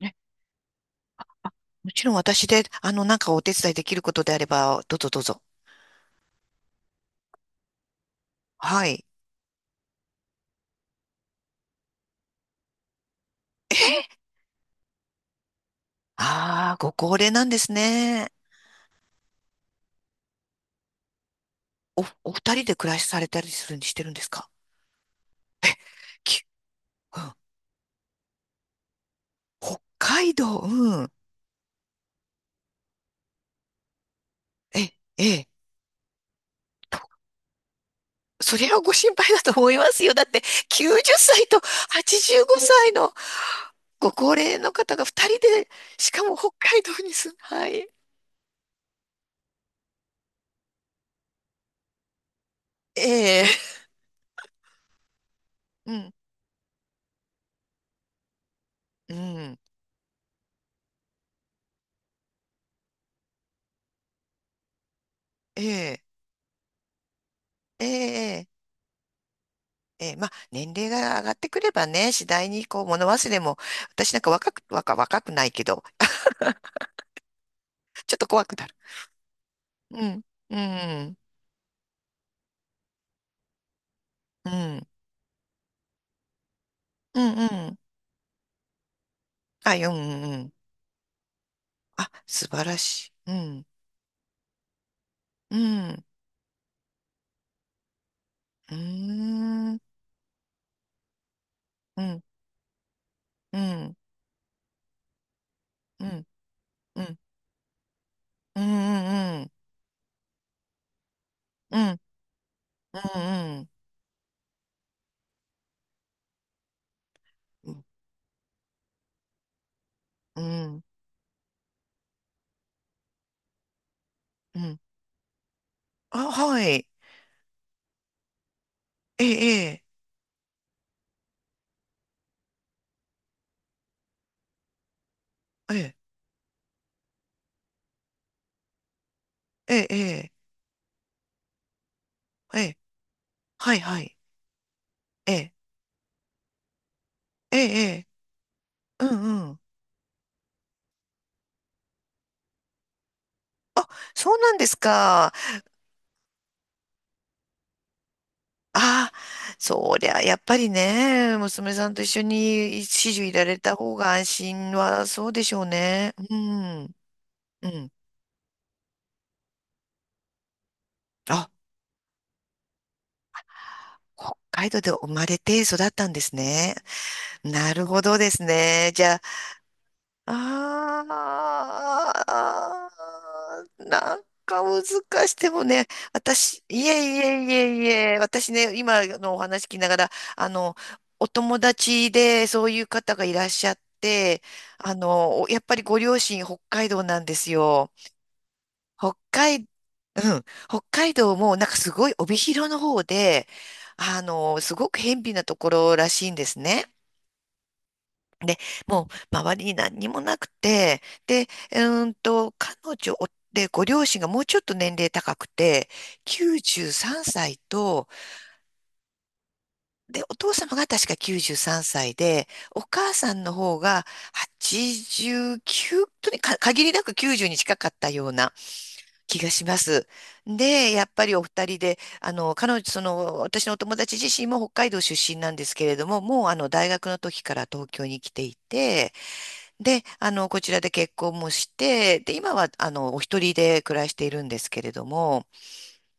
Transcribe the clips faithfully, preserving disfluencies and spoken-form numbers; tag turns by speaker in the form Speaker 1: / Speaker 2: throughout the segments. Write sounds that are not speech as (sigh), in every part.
Speaker 1: ね、もちろん私で、あの、なんかお手伝いできることであれば、どうぞどうぞ。はい。あ (laughs) あ、ご高齢なんですね。お、お二人で暮らしされたりするにしてるんですか？き、うん、北海道、うん。え、ええ、と、それはご心配だと思いますよ。だって、きゅうじゅっさいとはちじゅうごさいのご高齢の方が二人で、しかも北海道に住む。はい。ええ、うん、うん、ええ、ええ、ええーまあ、年齢が上がってくればね、次第にこう物忘れも、私なんか若く、若、若くないけど、あ、ちょっと怖くなる。うん、うん、うん、うん、うん。あ、うん、うんうん。あ、素晴らしい。うん、うん、うーん、うん、うん、うん、うん、うん、うん、うん、うん、うん、うん、うん。あ、はい。ええ、ええ、ええ、ええ、ええ、はい、はい。ええ、ええ、うん、うん。あ、そうなんですか。あ、そりゃ、やっぱりね、娘さんと一緒に始終いられた方が安心はそうでしょうね。うん、うん。あ、北海道で生まれて育ったんですね。なるほどですね。じゃあ、あー、なんか難しい。でもね、私、いえいえいえいえ、私ね、今のお話聞きながら、あの、お友達でそういう方がいらっしゃって、あの、おやっぱりご両親北海道なんですよ。北海、うん、北海道もなんかすごい帯広の方で、あの、すごく辺鄙なところらしいんですね。で、もう周りに何にもなくて、で、うーんと、彼女で、ご両親がもうちょっと年齢高くて、きゅうじゅうさんさいと、で、お父様が確かきゅうじゅうさんさいで、お母さんの方がはちじゅうきゅう、とにかく限りなくきゅうじゅうに近かったような気がします。で、やっぱりお二人で、あの、彼女、その、私のお友達自身も北海道出身なんですけれども、もうあの、大学の時から東京に来ていて、で、あの、こちらで結婚もして、で、今は、あの、お一人で暮らしているんですけれども、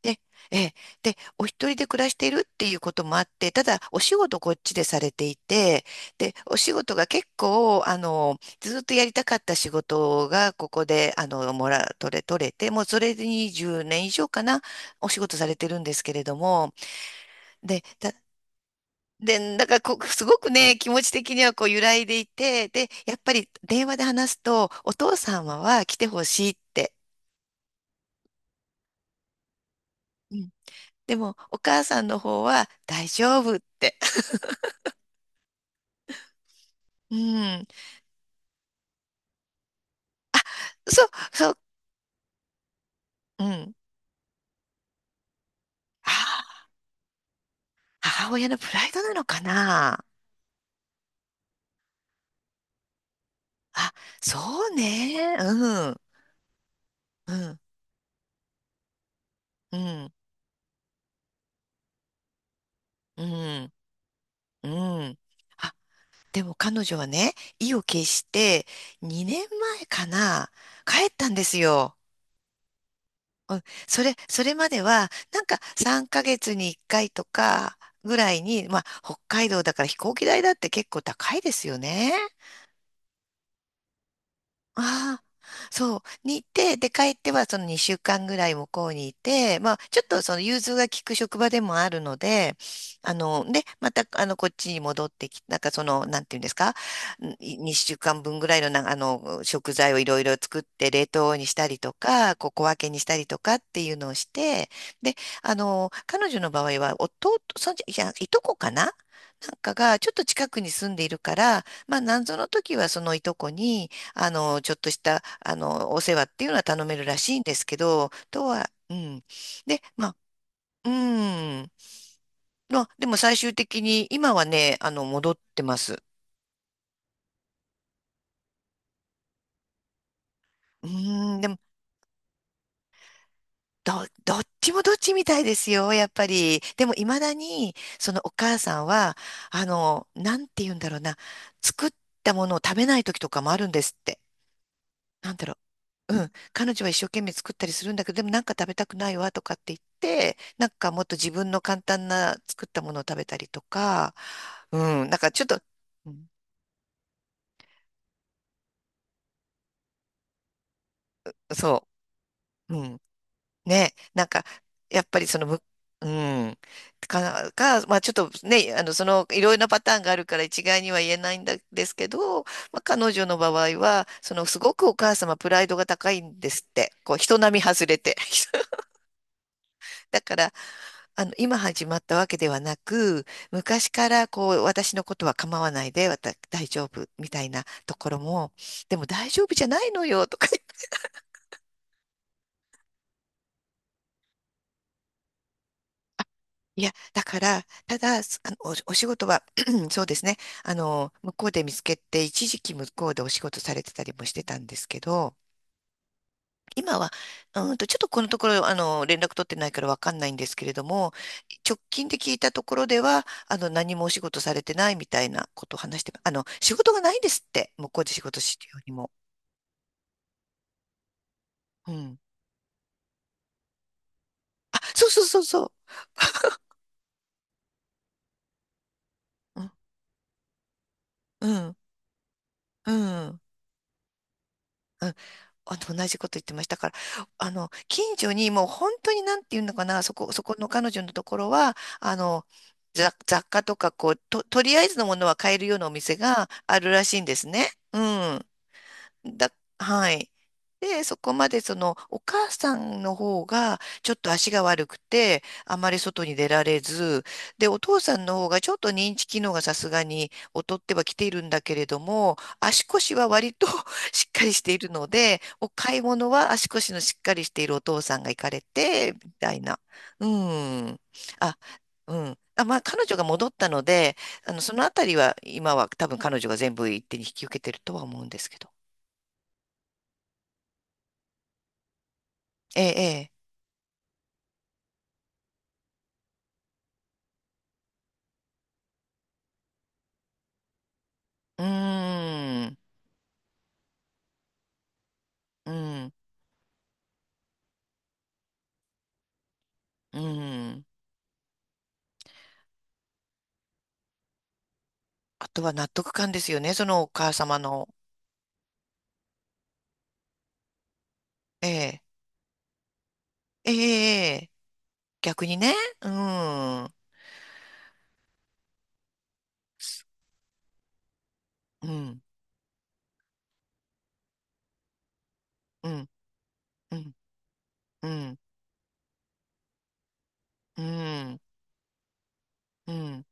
Speaker 1: で、ええ、で、お一人で暮らしているっていうこともあって、ただ、お仕事こっちでされていて、で、お仕事が結構、あの、ずっとやりたかった仕事が、ここで、あの、もら、取れ、取れて、もうそれでにじゅうねん以上かな、お仕事されてるんですけれども、で、たで、だからこう、すごくね、気持ち的にはこう揺らいでいて、で、やっぱり電話で話すと、お父様は来てほしいって。うん。でも、お母さんの方は大丈夫って。うん。そう、そう、うん。あー、母親のプライドなのかな。あ、そうね。うん、うん、うん、うん、うん。あ、でも彼女はね、意を決してにねんまえかな、帰ったんですよ。うん、それ、それまでは、なんかさんかげつにいっかいとかぐらいに、まあ、北海道だから飛行機代だって結構高いですよね。ああ、そう。に行って、で、帰ってはそのにしゅうかんぐらい向こうにいて、まあ、ちょっとその融通が利く職場でもあるので、あの、で、また、あの、こっちに戻ってき、なんかその、なんていうんですか、にしゅうかんぶんぐらいのな、あの、食材をいろいろ作って、冷凍にしたりとか、こう小分けにしたりとかっていうのをして、で、あの、彼女の場合は、弟、そんじ、いや、いとこかななんかが、ちょっと近くに住んでいるから、まあ、なんぞの時はそのいとこに、あの、ちょっとした、あの、お世話っていうのは頼めるらしいんですけど、とは、うん。で、まあ、うん。まあ、でも最終的に、今はね、あの、戻ってます。うーん、でも、ど、どっちもどっちみたいですよ、やっぱり。でも、未だに、そのお母さんは、あの、なんて言うんだろうな、作ったものを食べない時とかもあるんですって。なんだろう、うん、彼女は一生懸命作ったりするんだけど、でもなんか食べたくないわとかって言って、なんかもっと自分の簡単な作ったものを食べたりとか、うん、なんかちょっと、うん、そう、うん、ね、なんか、やっぱりそのむ、うん、か、か、まあちょっとね、あの、その、いろいろなパターンがあるから一概には言えないんだですけど、まあ彼女の場合は、その、すごくお母様プライドが高いんですって、こう、人並み外れて。(laughs) だから、あの、今始まったわけではなく、昔からこう、私のことは構わないで、わた、大丈夫みたいなところも、でも大丈夫じゃないのよ、とか言って。(laughs) いや、だから、ただ、すあの、お、お仕事は、(clears throat) そうですね、あの、向こうで見つけて、一時期向こうでお仕事されてたりもしてたんですけど、今は、うんと、ちょっとこのところ、あの、連絡取ってないからわかんないんですけれども、直近で聞いたところでは、あの、何もお仕事されてないみたいなことを話して、あの、仕事がないんですって、向こうで仕事してるよりも。うん。あ、そうそうそうそう。うん、うん、うん。うん、あの、同じこと言ってましたから、あの、近所にもう本当になんていうのかな、そこ、そこの彼女のところは、あの、雑、雑貨とか、こう、と、とりあえずのものは買えるようなお店があるらしいんですね。うん。だ、はい。で、そこまでその、お母さんの方が、ちょっと足が悪くて、あまり外に出られず、で、お父さんの方がちょっと認知機能がさすがに劣ってはきているんだけれども、足腰は割と (laughs) しっかりしているので、お買い物は足腰のしっかりしているお父さんが行かれて、みたいな。うん。あ、うん。あ、まあ、彼女が戻ったので、あの、そのあたりは、今は多分彼女が全部一手に引き受けてるとは思うんですけど。ええ、ええ。うーん、うん、うん。あとは納得感ですよね、そのお母様の。ええ、ええ、ええ、逆にね。うん、うん、うん、うん、うん、うん、うん、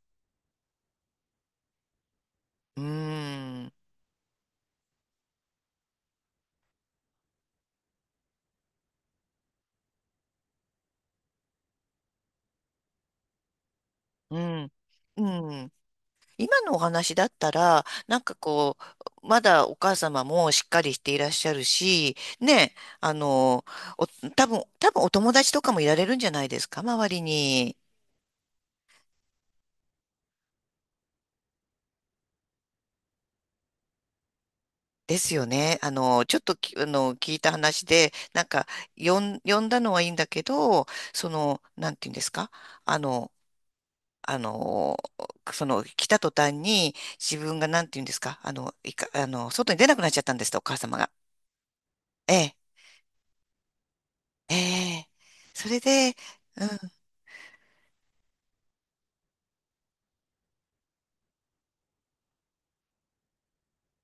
Speaker 1: うん、うん。うん、今のお話だったら、なんかこう、まだお母様もしっかりしていらっしゃるし、ね、あの、お、多分、多分お友達とかもいられるんじゃないですか、周りに。ですよね。あの、ちょっとき、あの、聞いた話で、なんか、呼ん、呼んだのはいいんだけど、その、なんていうんですか、あの、あの、その、来た途端に、自分がなんていうんですか、あの、いか、あの、外に出なくなっちゃったんですって、お母様が。ええ、ええ。それで、うん